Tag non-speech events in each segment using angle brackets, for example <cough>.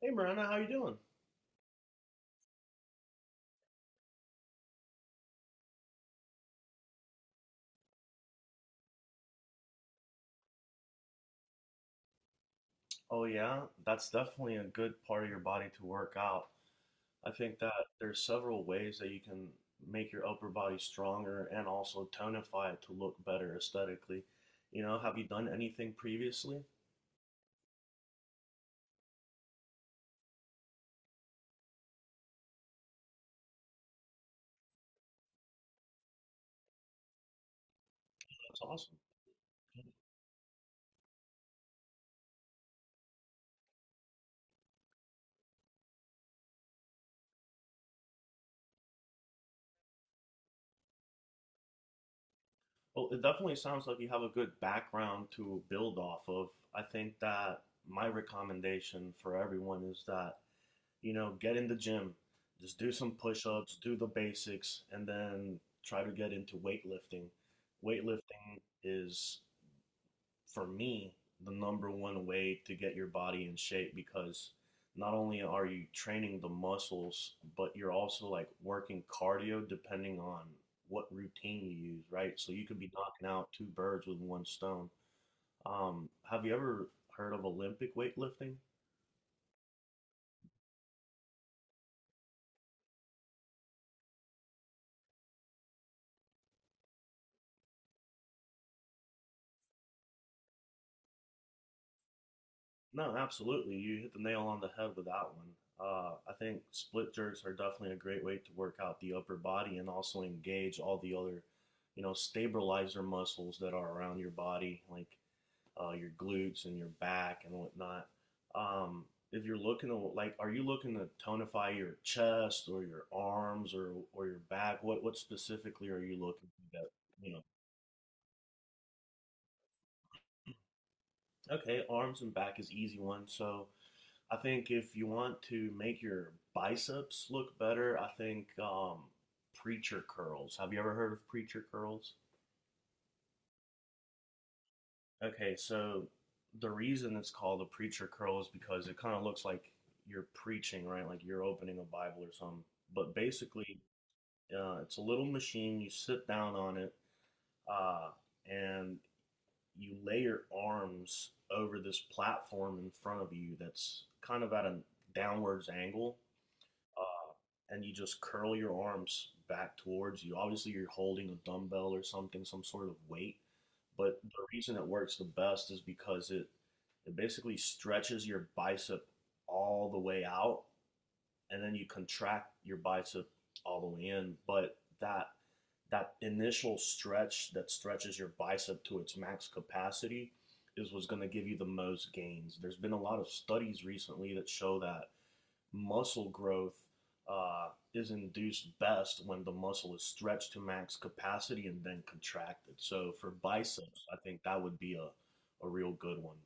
Hey Miranda, how you doing? Oh yeah, that's definitely a good part of your body to work out. I think that there's several ways that you can make your upper body stronger and also tonify it to look better aesthetically. You know, have you done anything previously? That's awesome. Well, it definitely sounds like you have a good background to build off of. I think that my recommendation for everyone is that you know, get in the gym, just do some push ups, do the basics, and then try to get into weightlifting. Weightlifting is, for me, the number one way to get your body in shape because not only are you training the muscles, but you're also like working cardio depending on what routine you use, right? So you could be knocking out two birds with one stone. Have you ever heard of Olympic weightlifting? No, absolutely. You hit the nail on the head with that one. I think split jerks are definitely a great way to work out the upper body and also engage all the other, you know, stabilizer muscles that are around your body, like your glutes and your back and whatnot. Um, if you're looking to like, are you looking to tonify your chest or your arms or your back? What specifically are you looking to get? You know, okay, arms and back is easy one. So. I think if you want to make your biceps look better, I think preacher curls. Have you ever heard of preacher curls? Okay, so the reason it's called a preacher curl is because it kind of looks like you're preaching, right? Like you're opening a Bible or something. But basically, it's a little machine. You sit down on it, uh, and you lay your arms over this platform in front of you that's kind of at a downwards angle and you just curl your arms back towards you. Obviously, you're holding a dumbbell or something, some sort of weight. But the reason it works the best is because it basically stretches your bicep all the way out, and then you contract your bicep all the way in. But that that initial stretch that stretches your bicep to its max capacity is what's going to give you the most gains. There's been a lot of studies recently that show that muscle growth uh, is induced best when the muscle is stretched to max capacity and then contracted. So for biceps, I think that would be a real good one.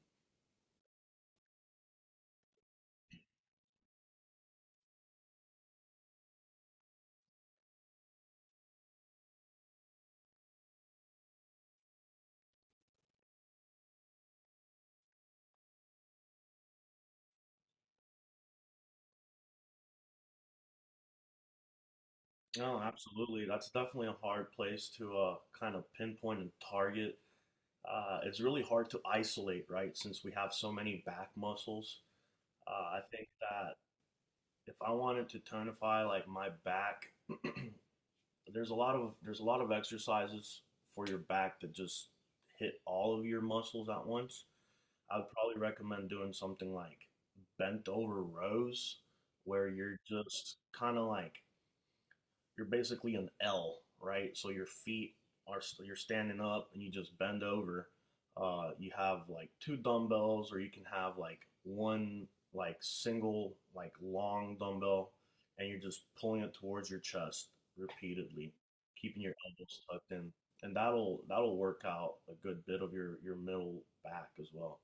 No, absolutely. That's definitely a hard place to kind of pinpoint and target. It's really hard to isolate, right? Since we have so many back muscles. I think that if I wanted to tonify like my back <clears throat> there's a lot of exercises for your back that just hit all of your muscles at once. I would probably recommend doing something like bent over rows where you're just kind of like you're basically an L, right? So your feet are you you're standing up and you just bend over. You have like two dumbbells, or you can have like one like single like long dumbbell, and you're just pulling it towards your chest repeatedly, keeping your elbows tucked in, and that'll work out a good bit of your middle back as well.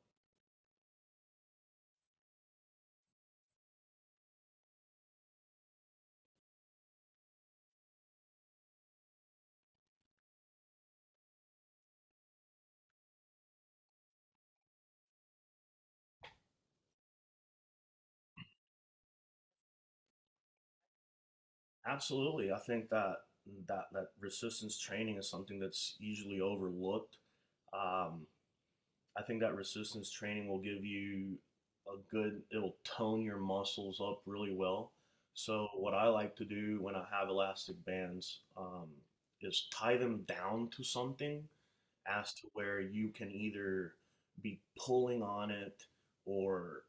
Absolutely, I think that that resistance training is something that's usually overlooked. Um, I think that resistance training will give you a good, it'll tone your muscles up really well. So, what I like to do when I have elastic bands is tie them down to something as to where you can either be pulling on it or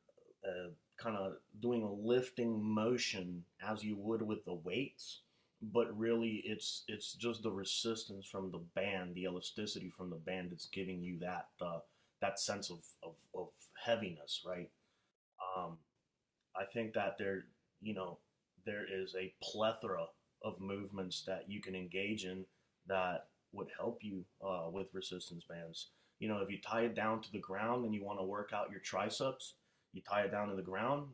uh, kind of doing a lifting motion as you would with the weights but really it's just the resistance from the band the elasticity from the band that's giving you that that sense of heaviness right um, I think that there, you know, there is a plethora of movements that you can engage in that would help you with resistance bands. You know, if you tie it down to the ground and you want to work out your triceps, you tie it down to the ground,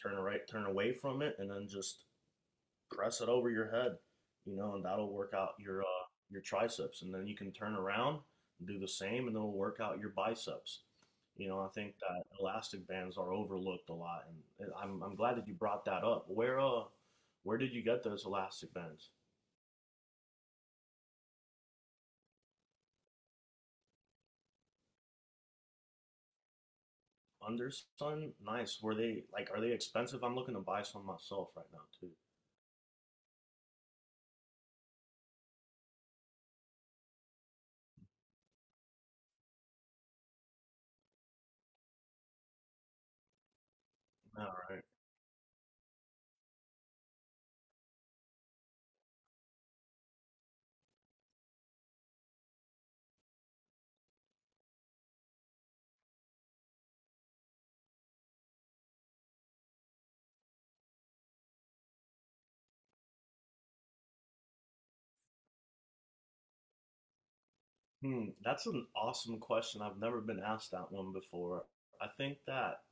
turn right, turn away from it, and then just press it over your head, you know, and that'll work out your triceps, and then you can turn around and do the same, and it'll work out your biceps. You know, I think that elastic bands are overlooked a lot, and I'm glad that you brought that up. Where did you get those elastic bands? Undersun, nice. Were they like, are they expensive? I'm looking to buy some myself right now too. All right. Hmm, that's an awesome question. I've never been asked that one before. I think that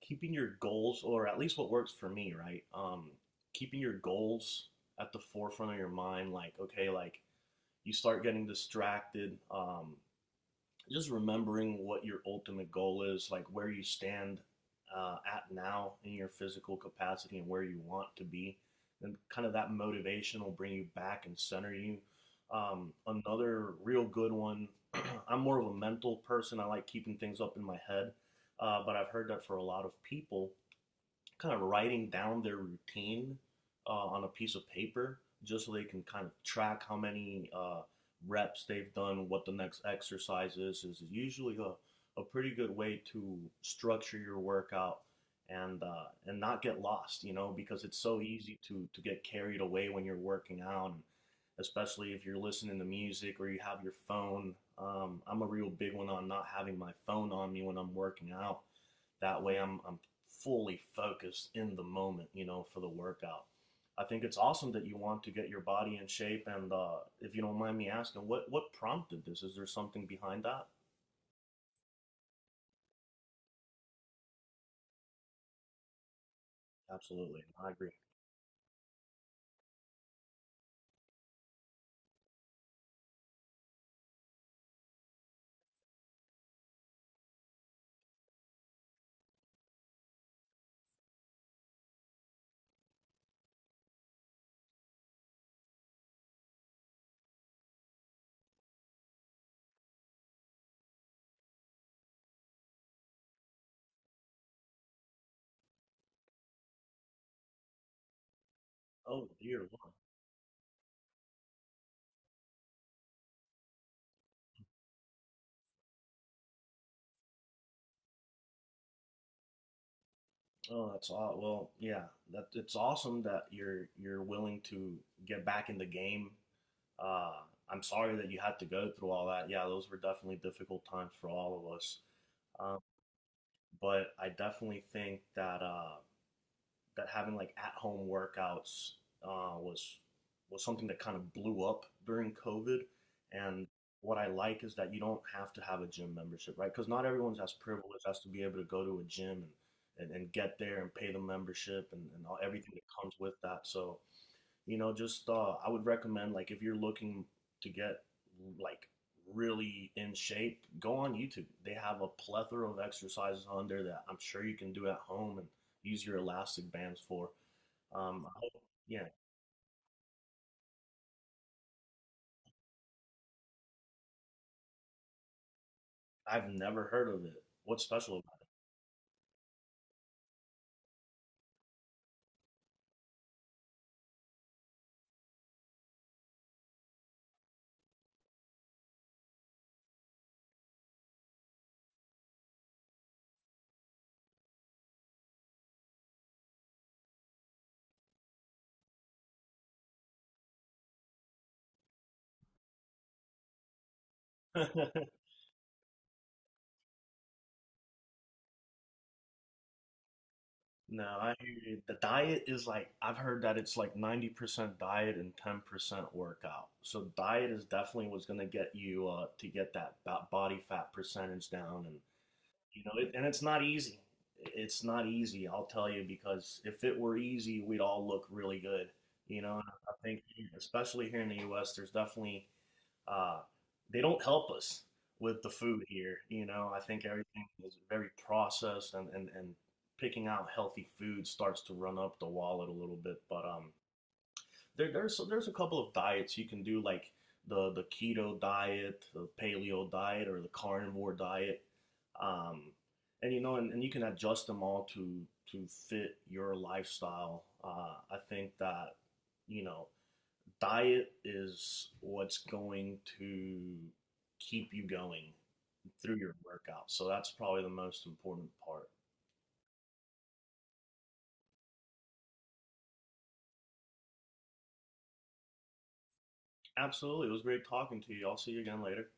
keeping your goals, or at least what works for me, right? Keeping your goals at the forefront of your mind. Like, okay, like you start getting distracted. Just remembering what your ultimate goal is, like where you stand at now in your physical capacity and where you want to be. And kind of that motivation will bring you back and center you. Another real good one, <clears throat> I'm more of a mental person. I like keeping things up in my head, but I've heard that for a lot of people, kind of writing down their routine on a piece of paper just so they can kind of track how many reps they've done, what the next exercise is usually a pretty good way to structure your workout and not get lost, you know, because it's so easy to get carried away when you're working out, and especially if you're listening to music or you have your phone. I'm a real big one on not having my phone on me when I'm working out. That way, I'm fully focused in the moment, you know, for the workout. I think it's awesome that you want to get your body in shape. And if you don't mind me asking, what prompted this? Is there something behind that? Absolutely, I agree. Oh dear Lord. Oh, that's aw well, yeah. That it's awesome that you're willing to get back in the game. Uh, I'm sorry that you had to go through all that. Yeah, those were definitely difficult times for all of us. Um, but I definitely think that that having like at home workouts uh, was was something that kind of blew up during COVID. And what I like is that you don't have to have a gym membership, right? Because not everyone's as privileged as to be able to go to a gym and get there and pay the membership and all, everything that comes with that. So you know just I would recommend like if you're looking to get like really in shape go on YouTube they have a plethora of exercises on there that I'm sure you can do at home and use your elastic bands for um I- yeah, I've never heard of it. What's special about it? <laughs> No, I hear you. The diet is like I've heard that it's like 90% diet and 10% workout so diet is definitely what's going to get you to get that body fat percentage down and you know, it, and it's not easy. It's not easy, I'll tell you, because if it were easy, we'd all look really good. You know, and I think especially here in the U.S., there's definitely uh, they don't help us with the food here. You know, I think everything is very processed, and and picking out healthy food starts to run up the wallet a little bit. But there, there's a couple of diets you can do, like the keto diet, the paleo diet, or the carnivore diet, um, and you know, and you can adjust them all to fit your lifestyle. I think that you know, diet is what's going to keep you going through your workout. So that's probably the most important part. Absolutely, it was great talking to you. I'll see you again later.